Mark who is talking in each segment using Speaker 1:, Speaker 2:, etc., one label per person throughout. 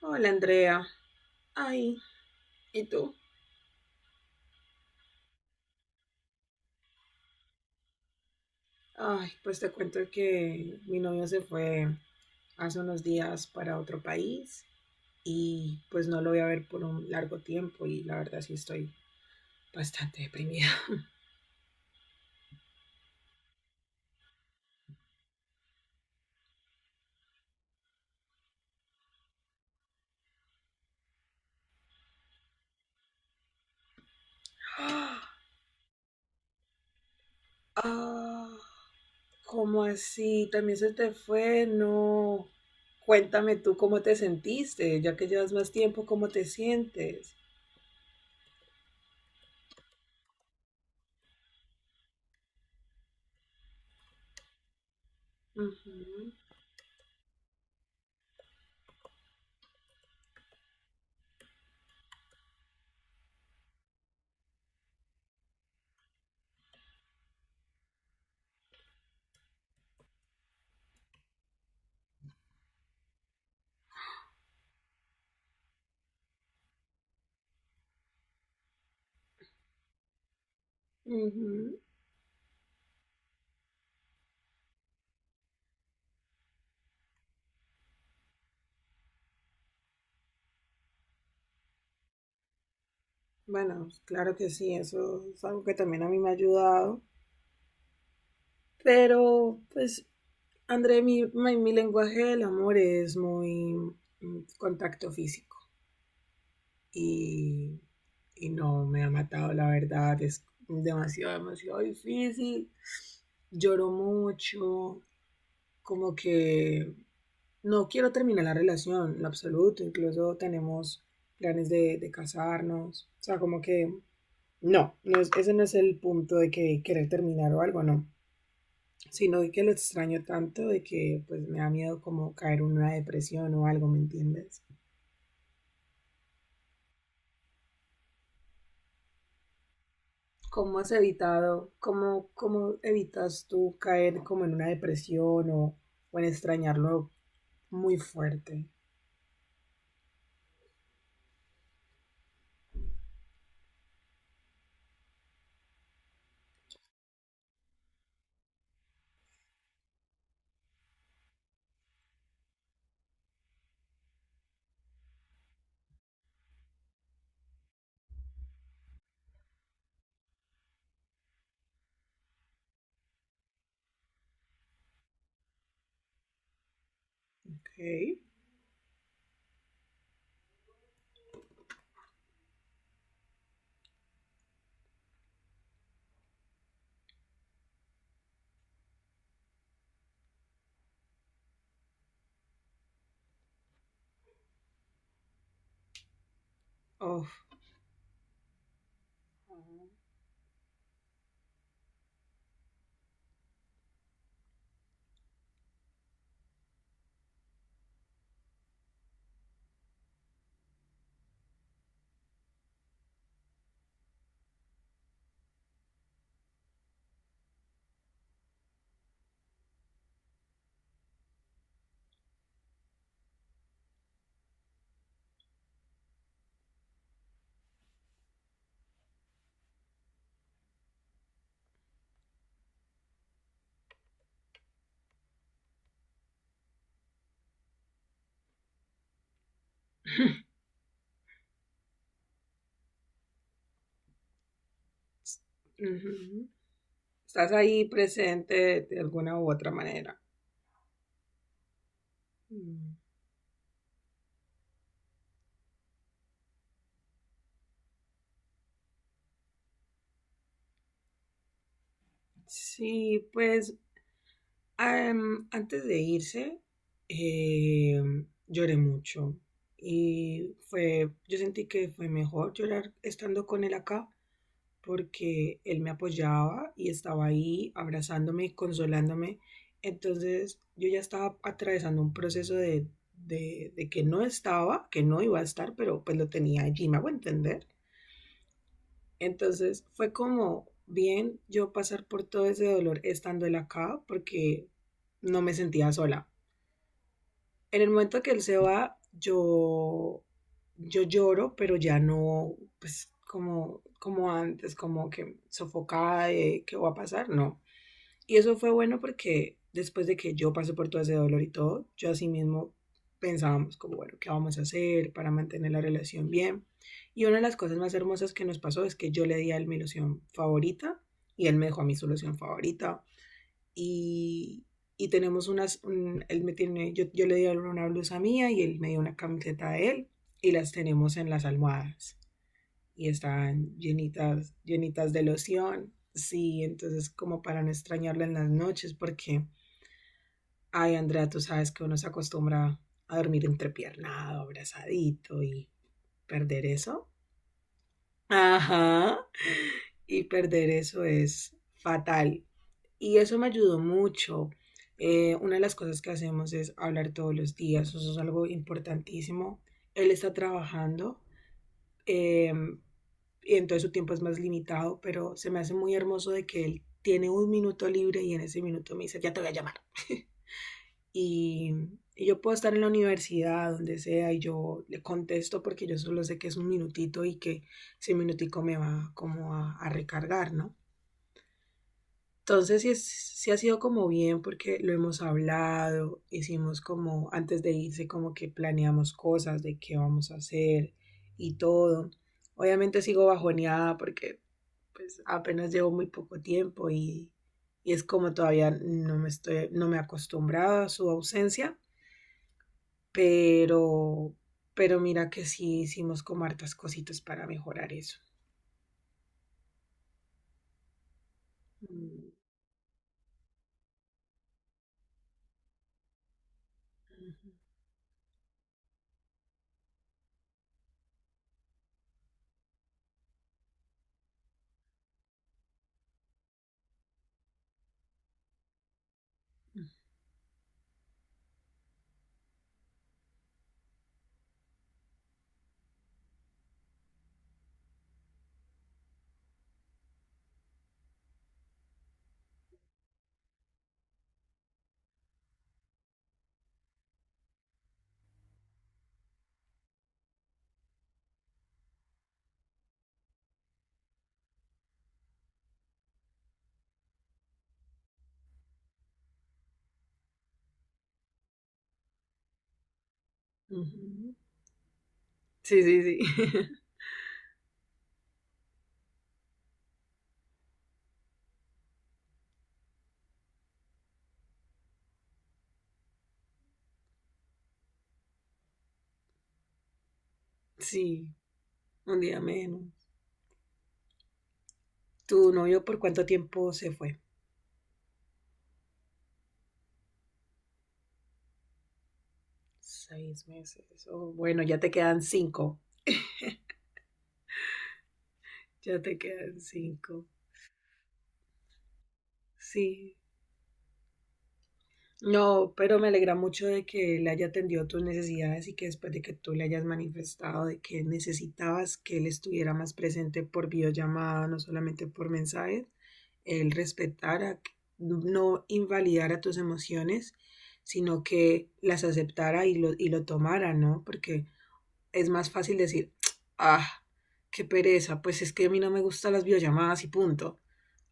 Speaker 1: Hola Andrea. Ay, ¿y tú? Ay, pues te cuento que mi novio se fue hace unos días para otro país y pues no lo voy a ver por un largo tiempo y la verdad sí estoy bastante deprimida. Ah, ¿cómo así? ¿También se te fue? No. Cuéntame tú cómo te sentiste, ya que llevas más tiempo, ¿cómo te sientes? Ujú, ujú. Bueno, claro que sí, eso es algo que también a mí me ha ayudado. Pero, pues, André, mi lenguaje del amor es muy contacto físico y, y no me ha matado, la verdad, es demasiado, demasiado difícil. Lloro mucho, como que no quiero terminar la relación, en absoluto, incluso tenemos planes de casarnos, o sea, como que no, no es, ese no es el punto de que querer terminar o algo, no, sino de que lo extraño tanto de que pues me da miedo como caer en una depresión o algo, ¿me entiendes? ¿Cómo has evitado, cómo, cómo evitas tú caer como en una depresión o en extrañarlo muy fuerte? Ok. Uf. Ujú. Estás ahí presente de alguna u otra manera. Mm. Sí, pues antes de irse, eh, lloré mucho y fue, yo sentí que fue mejor llorar estando con él acá porque él me apoyaba y estaba ahí abrazándome y consolándome. Entonces yo ya estaba atravesando un proceso de que no estaba, que no iba a estar, pero pues lo tenía allí, me hago entender. Entonces fue como bien yo pasar por todo ese dolor estando él acá porque no me sentía sola en el momento que él se va, yo lloro, pero ya no, pues como, como antes, como que sofocada de qué va a pasar, no. Y eso fue bueno porque después de que yo pasé por todo ese dolor y todo, yo así mismo pensábamos como, bueno, ¿qué vamos a hacer para mantener la relación bien? Y una de las cosas más hermosas que nos pasó es que yo le di a él mi ilusión favorita y él me dejó a mi solución favorita y, y tenemos unas, él me tiene, yo le di a él una blusa mía y él me dio una camiseta de él y las tenemos en las almohadas y están llenitas, llenitas de loción. Sí, entonces como para no extrañarla en las noches porque, ay Andrea, tú sabes que uno se acostumbra a dormir entrepiernado, abrazadito y perder eso. Ajá. Y perder eso es fatal. Y eso me ayudó mucho. Una de las cosas que hacemos es hablar todos los días, eso es algo importantísimo. Él está trabajando, eh, y entonces su tiempo es más limitado, pero se me hace muy hermoso de que él tiene un minuto libre y en ese minuto me dice, ya te voy a llamar. Y, y yo puedo estar en la universidad, donde sea, y yo le contesto porque yo solo sé que es un minutito y que ese minutico me va como a recargar, ¿no? Entonces sí, sí ha sido como bien porque lo hemos hablado, hicimos como antes de irse como que planeamos cosas de qué vamos a hacer y todo. Obviamente sigo bajoneada porque pues apenas llevo muy poco tiempo y es como todavía no me estoy, no me he acostumbrado a su ausencia, pero, pero mira que sí hicimos como hartas cositas para mejorar eso. Mm, ujú, ujú. Sí, sí, sí. Sí. Un día menos. ¿Tu novio por cuánto tiempo se fue? 6 meses. Oh, bueno, ya te quedan 5. Ya te quedan cinco. Sí. No, pero me alegra mucho de que él haya atendido tus necesidades y que después de que tú le hayas manifestado de que necesitabas que él estuviera más presente por videollamada, no solamente por mensajes, él respetara, no invalidara tus emociones, sino que las aceptara y lo tomara, ¿no? Porque es más fácil decir, ah, qué pereza, pues es que a mí no me gustan las videollamadas y punto.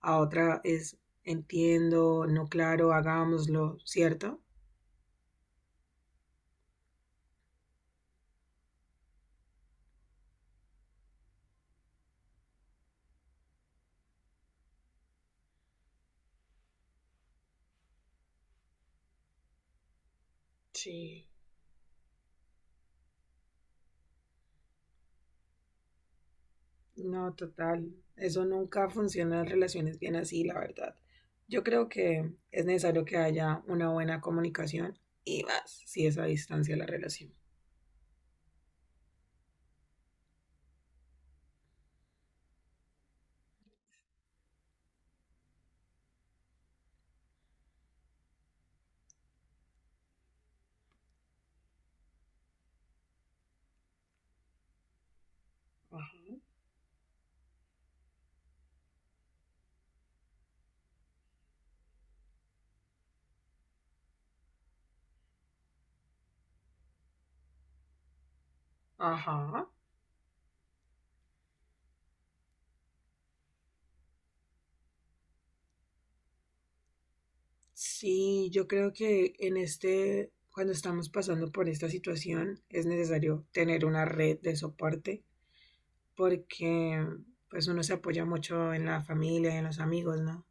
Speaker 1: A otra es, entiendo, no claro, hagámoslo, ¿cierto? Sí. No, total. Eso nunca funciona en relaciones bien así, la verdad. Yo creo que es necesario que haya una buena comunicación y más si es a distancia la relación. Ajá. Ajá. Sí, yo creo que en este, cuando estamos pasando por esta situación, es necesario tener una red de soporte porque pues uno se apoya mucho en la familia, en los amigos, ¿no?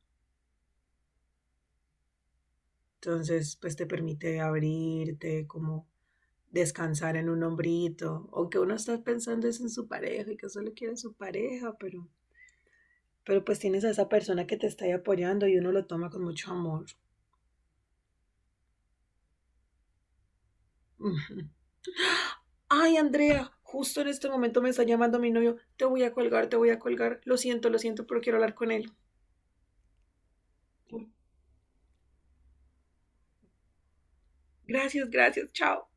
Speaker 1: Entonces, pues te permite abrirte, como descansar en un hombrito, aunque uno está pensando es en su pareja y que solo quiere su pareja, pero pues tienes a esa persona que te está ahí apoyando y uno lo toma con mucho amor. Ay, Andrea, justo en este momento me está llamando mi novio, te voy a colgar, te voy a colgar, lo siento, pero quiero hablar con él. Gracias, gracias, chao.